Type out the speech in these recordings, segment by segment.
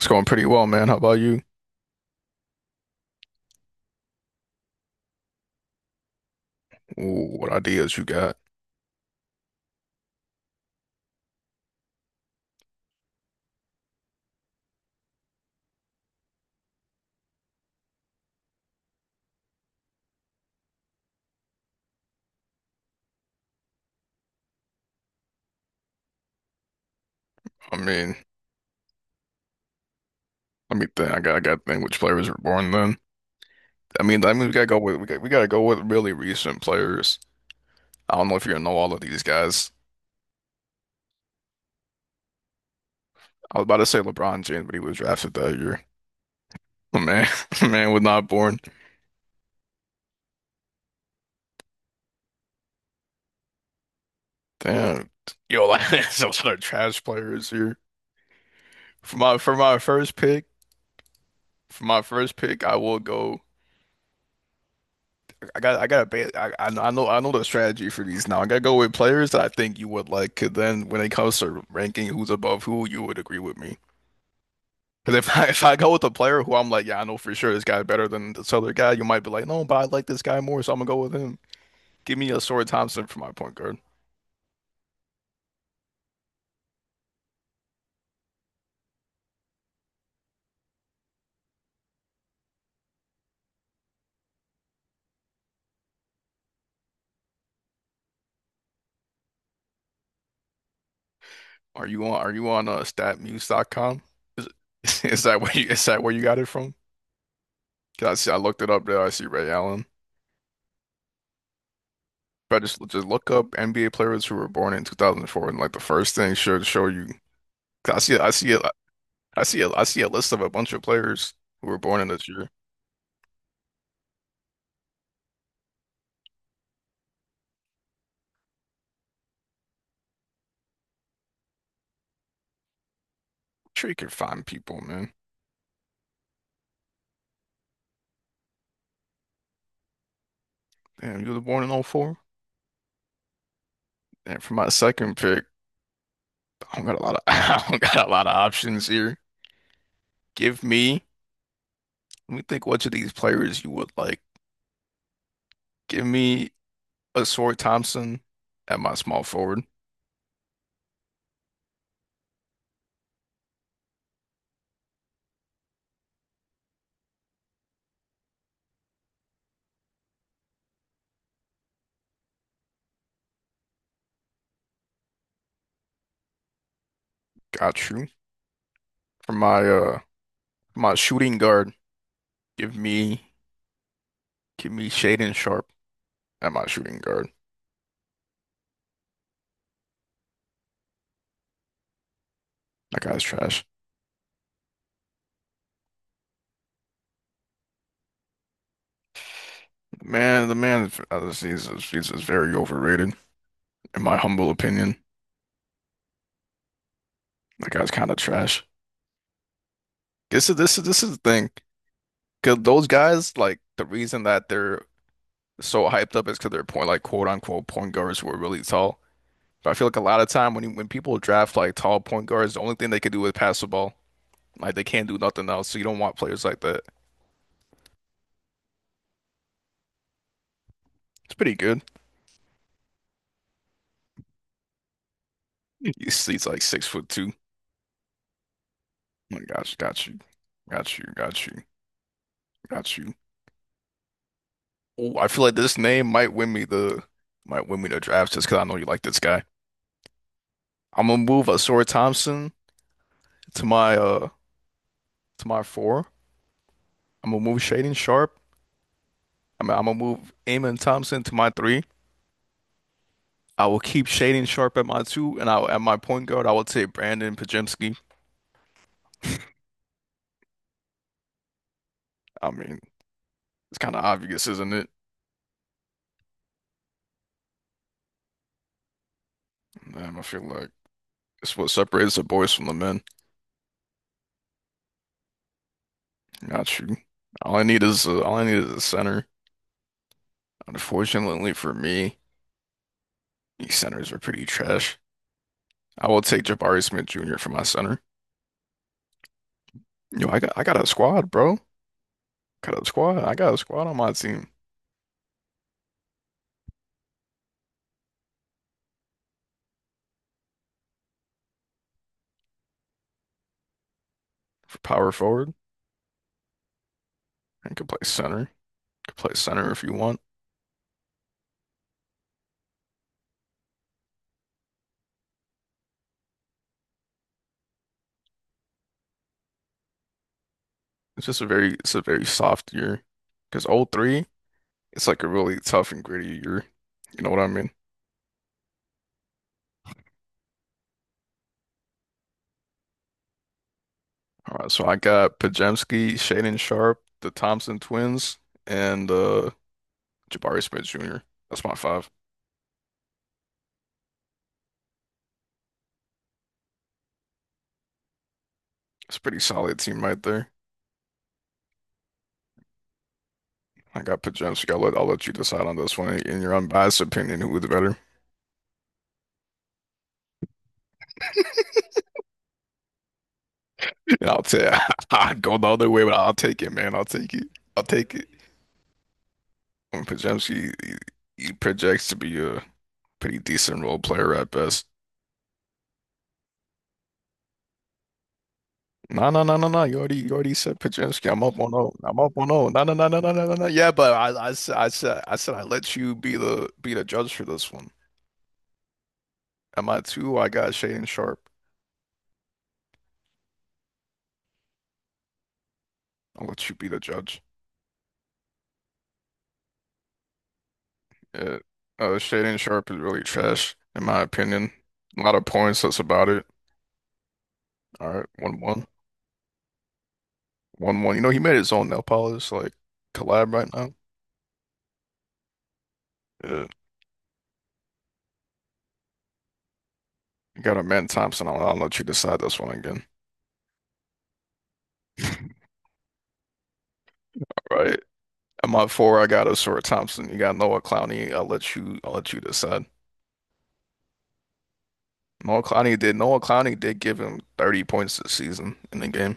It's going pretty well, man. How about you? Ooh, what ideas you got? I mean, let me think. I got to think which players were born then. I mean, we gotta go with we got, we gotta go with really recent players. I don't know if you know all of these guys. I was about to say LeBron James, but he was drafted that year. Oh, man, man was not born. Damn, yo, like there's a lot of trash players here. For my for my first pick, for my first pick, I will go. I know the strategy for these now. I gotta go with players that I think you would like. 'Cause then when it comes to ranking who's above who, you would agree with me. Because if I, if I go with a player who I'm like, yeah, I know for sure this guy's better than this other guy, you might be like, no, but I like this guy more, so I'm gonna go with him. Give me a Sora Thompson for my point guard. Are you on StatMuse.com? Is that where you got it from? 'Cause I looked it up there. I see Ray Allen. If I just look up NBA players who were born in 2004, and like the first thing should show you. 'Cause I see I see I see a list of a bunch of players who were born in this year. Sure, you can find people, man. Damn, you were born in '04. And for my second pick, I don't got a lot of I don't got a lot of options here. Give me, Let me think which of these players you would like. Give me a Sword Thompson at my small forward. Got you. For my shooting guard, give me give me Shaden Sharp at my shooting guard. That guy's trash. Man, he's very overrated, in my humble opinion. That guy's kind of trash. This is the thing. 'Cause those guys, like the reason that they're so hyped up is because they're point like quote unquote point guards who are really tall. But I feel like a lot of time when people draft like tall point guards, the only thing they can do is pass the ball. Like they can't do nothing else. So you don't want players like that. It's pretty good. You see, it's like 6'2". Oh my gosh, got you, got you, got you, got you. Oh, I feel like this name might win me the draft just because I know you like this guy. I'm gonna move Asura Thompson to my uh to my four. I'm gonna move Shading Sharp. I mean, I'm gonna move Amon Thompson to my three. I will keep Shading Sharp at my two, and I at my point guard, I will take Brandon Pajemski. I mean, it's kind of obvious, isn't it? Man, I feel like it's what separates the boys from the men. Not you. All I need is a center. Unfortunately for me, these centers are pretty trash. I will take Jabari Smith Jr. for my center. Yo, I got a squad, bro. Got a squad. I got a squad on my team for power forward and can play center. Could play center if you want. It's a very soft year. Because oh 03, it's like a really tough and gritty year. You know what I mean? All right, so I got Pajemski, Shaden Sharp, the Thompson twins, and Jabari Smith Jr. That's my five. It's a pretty solid team right there. I got Pajemski. I'll let you decide on this one in your unbiased opinion who's better. And I'll tell you, I'd go the other way, but I'll take it, man. I'll take it. I'll take it. When Pajemski, he projects to be a pretty decent role player at best. No, no, no, no, no. You already said Pajemski. I'm up 1-0. I'm up 1-0. No, no, no, no, no, no, no, no. Yeah, but I said I let you be the judge for this one. Am I two? I got Shaden Sharp. I'll let you be the judge. Yeah. Shaden Sharp is really trash, in my opinion. A lot of points. That's about it. All right, 1-1, 1-1. You know, he made his own nail polish like collab right now. Yeah. You got a man Thompson. I'll let you decide this one again. All right. At my four, I got Osura Thompson. You got Noah Clowney. I'll let you. I'll let you decide. Noah Clowney did give him 30 points this season in the game.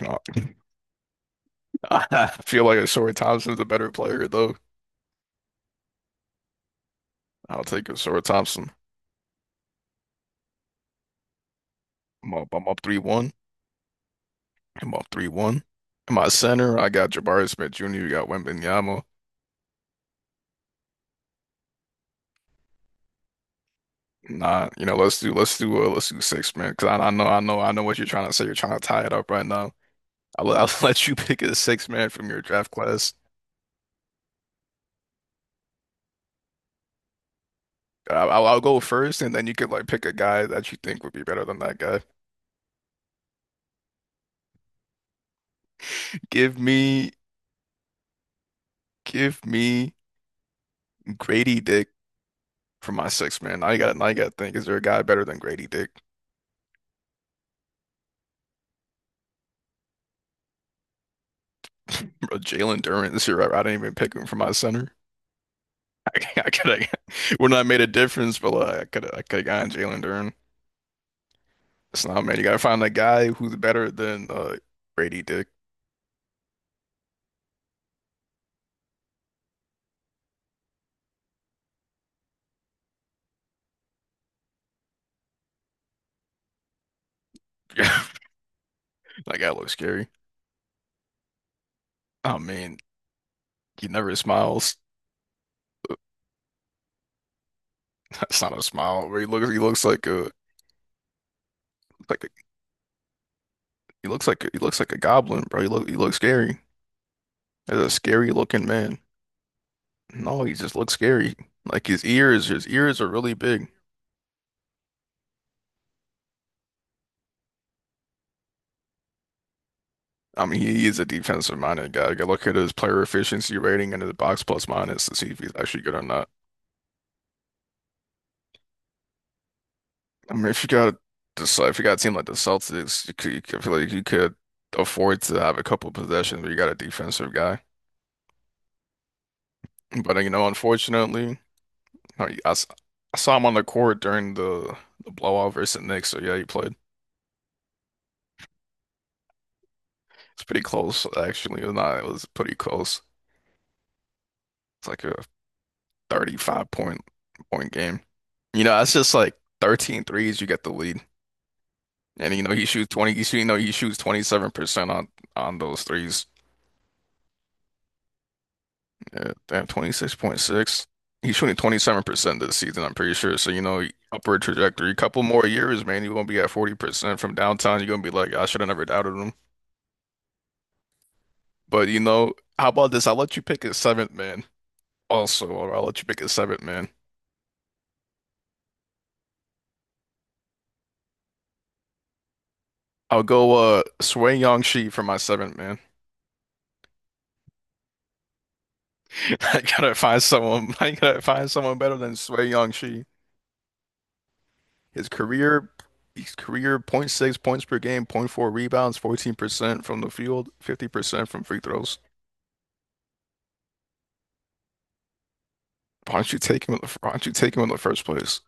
You know, I feel like Osura Thompson's a better player though. I'll take Osura Thompson. I'm up 3-1. I'm up 3-1. In my center, I got Jabari Smith Jr. You got Wembanyama. Nah, you know, let's do six-man because I know what you're trying to say. You're trying to tie it up right now. I'll let you pick a six-man from your draft class. I'll go first, and then you could like pick a guy that you think would be better than that guy. Give me, give me Grady Dick for my six man. I got to think, is there a guy better than Grady Dick? Bro, Jalen Durant this year, I didn't even pick him for my center. I, I could have, would not have made a difference, but like, I could have gotten Jalen Durant. It's not, man. You gotta find that guy who's better than Grady Dick. That guy looks scary. I mean, he never smiles. That's not a smile. Like he looks like a goblin, bro. He looks scary. That's a scary looking man. No, he just looks scary. Like his ears are really big. I mean, he is a defensive minded guy. Go look at his player efficiency rating and his box plus minus to see if he's actually good or not. I mean, if you got a team like the Celtics, I feel like you could afford to have a couple possessions, but you got a defensive guy. But you know, unfortunately, I, I s- I saw him on the court during the blowout versus the Knicks. So yeah, he played. It's pretty close, actually. It was not, it was pretty close. It's like a 35 point game. You know, that's just like 13 threes. You get the lead. And you know, he shoots 20, you see, you know, he shoots 27% on those threes. Yeah, damn, 26.6. He's shooting 27% this season, I'm pretty sure. So, you know, upward trajectory. Couple more years, man, you're gonna be at 40% from downtown. You're gonna be like, I should have never doubted him. But you know, how about this? I'll let you pick a seventh man also, or I'll let you pick a seventh man. I'll go Sui Shi for my seventh man. I gotta find someone. I gotta find someone better than Sui Shi. His career, his career, 0.6 points per game, 0.4 rebounds, 14% from the field, 50% from free throws. Why don't you take him in the first place?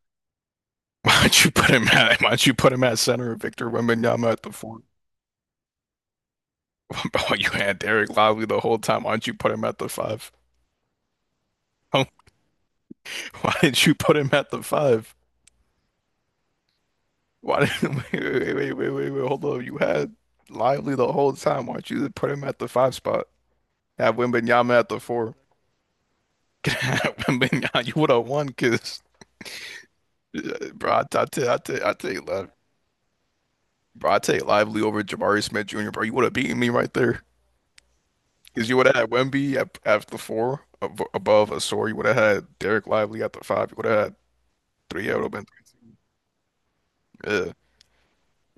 Why don't you put him at? Why don't you put him at center? Victor Wembanyama at the four. Oh, you had Derek Lively the whole time. Why don't you put him at the five? Why didn't you put him at the five? Why didn't wait, wait, wait, wait, wait, wait, hold on. You had Lively the whole time. Why don't you just put him at the five spot? Have Wembanyama at the four. Have Wembanyama, you would have won because, bro, I take Lively. Bro, I take Lively over Jabari Smith Jr. Bro, you would have beaten me right there because you would have had Wemby at the four ab above Asor. You would have had Derek Lively at the five. You would have had three. Yeah, it would have been. Yeah,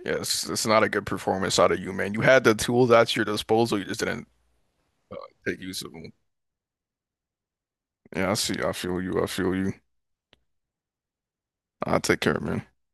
yeah. It's not a good performance out of you, man. You had the tools at your disposal. You just didn't uh, take use of them. Yeah, I see. I feel you. I feel you. I'll take care, man.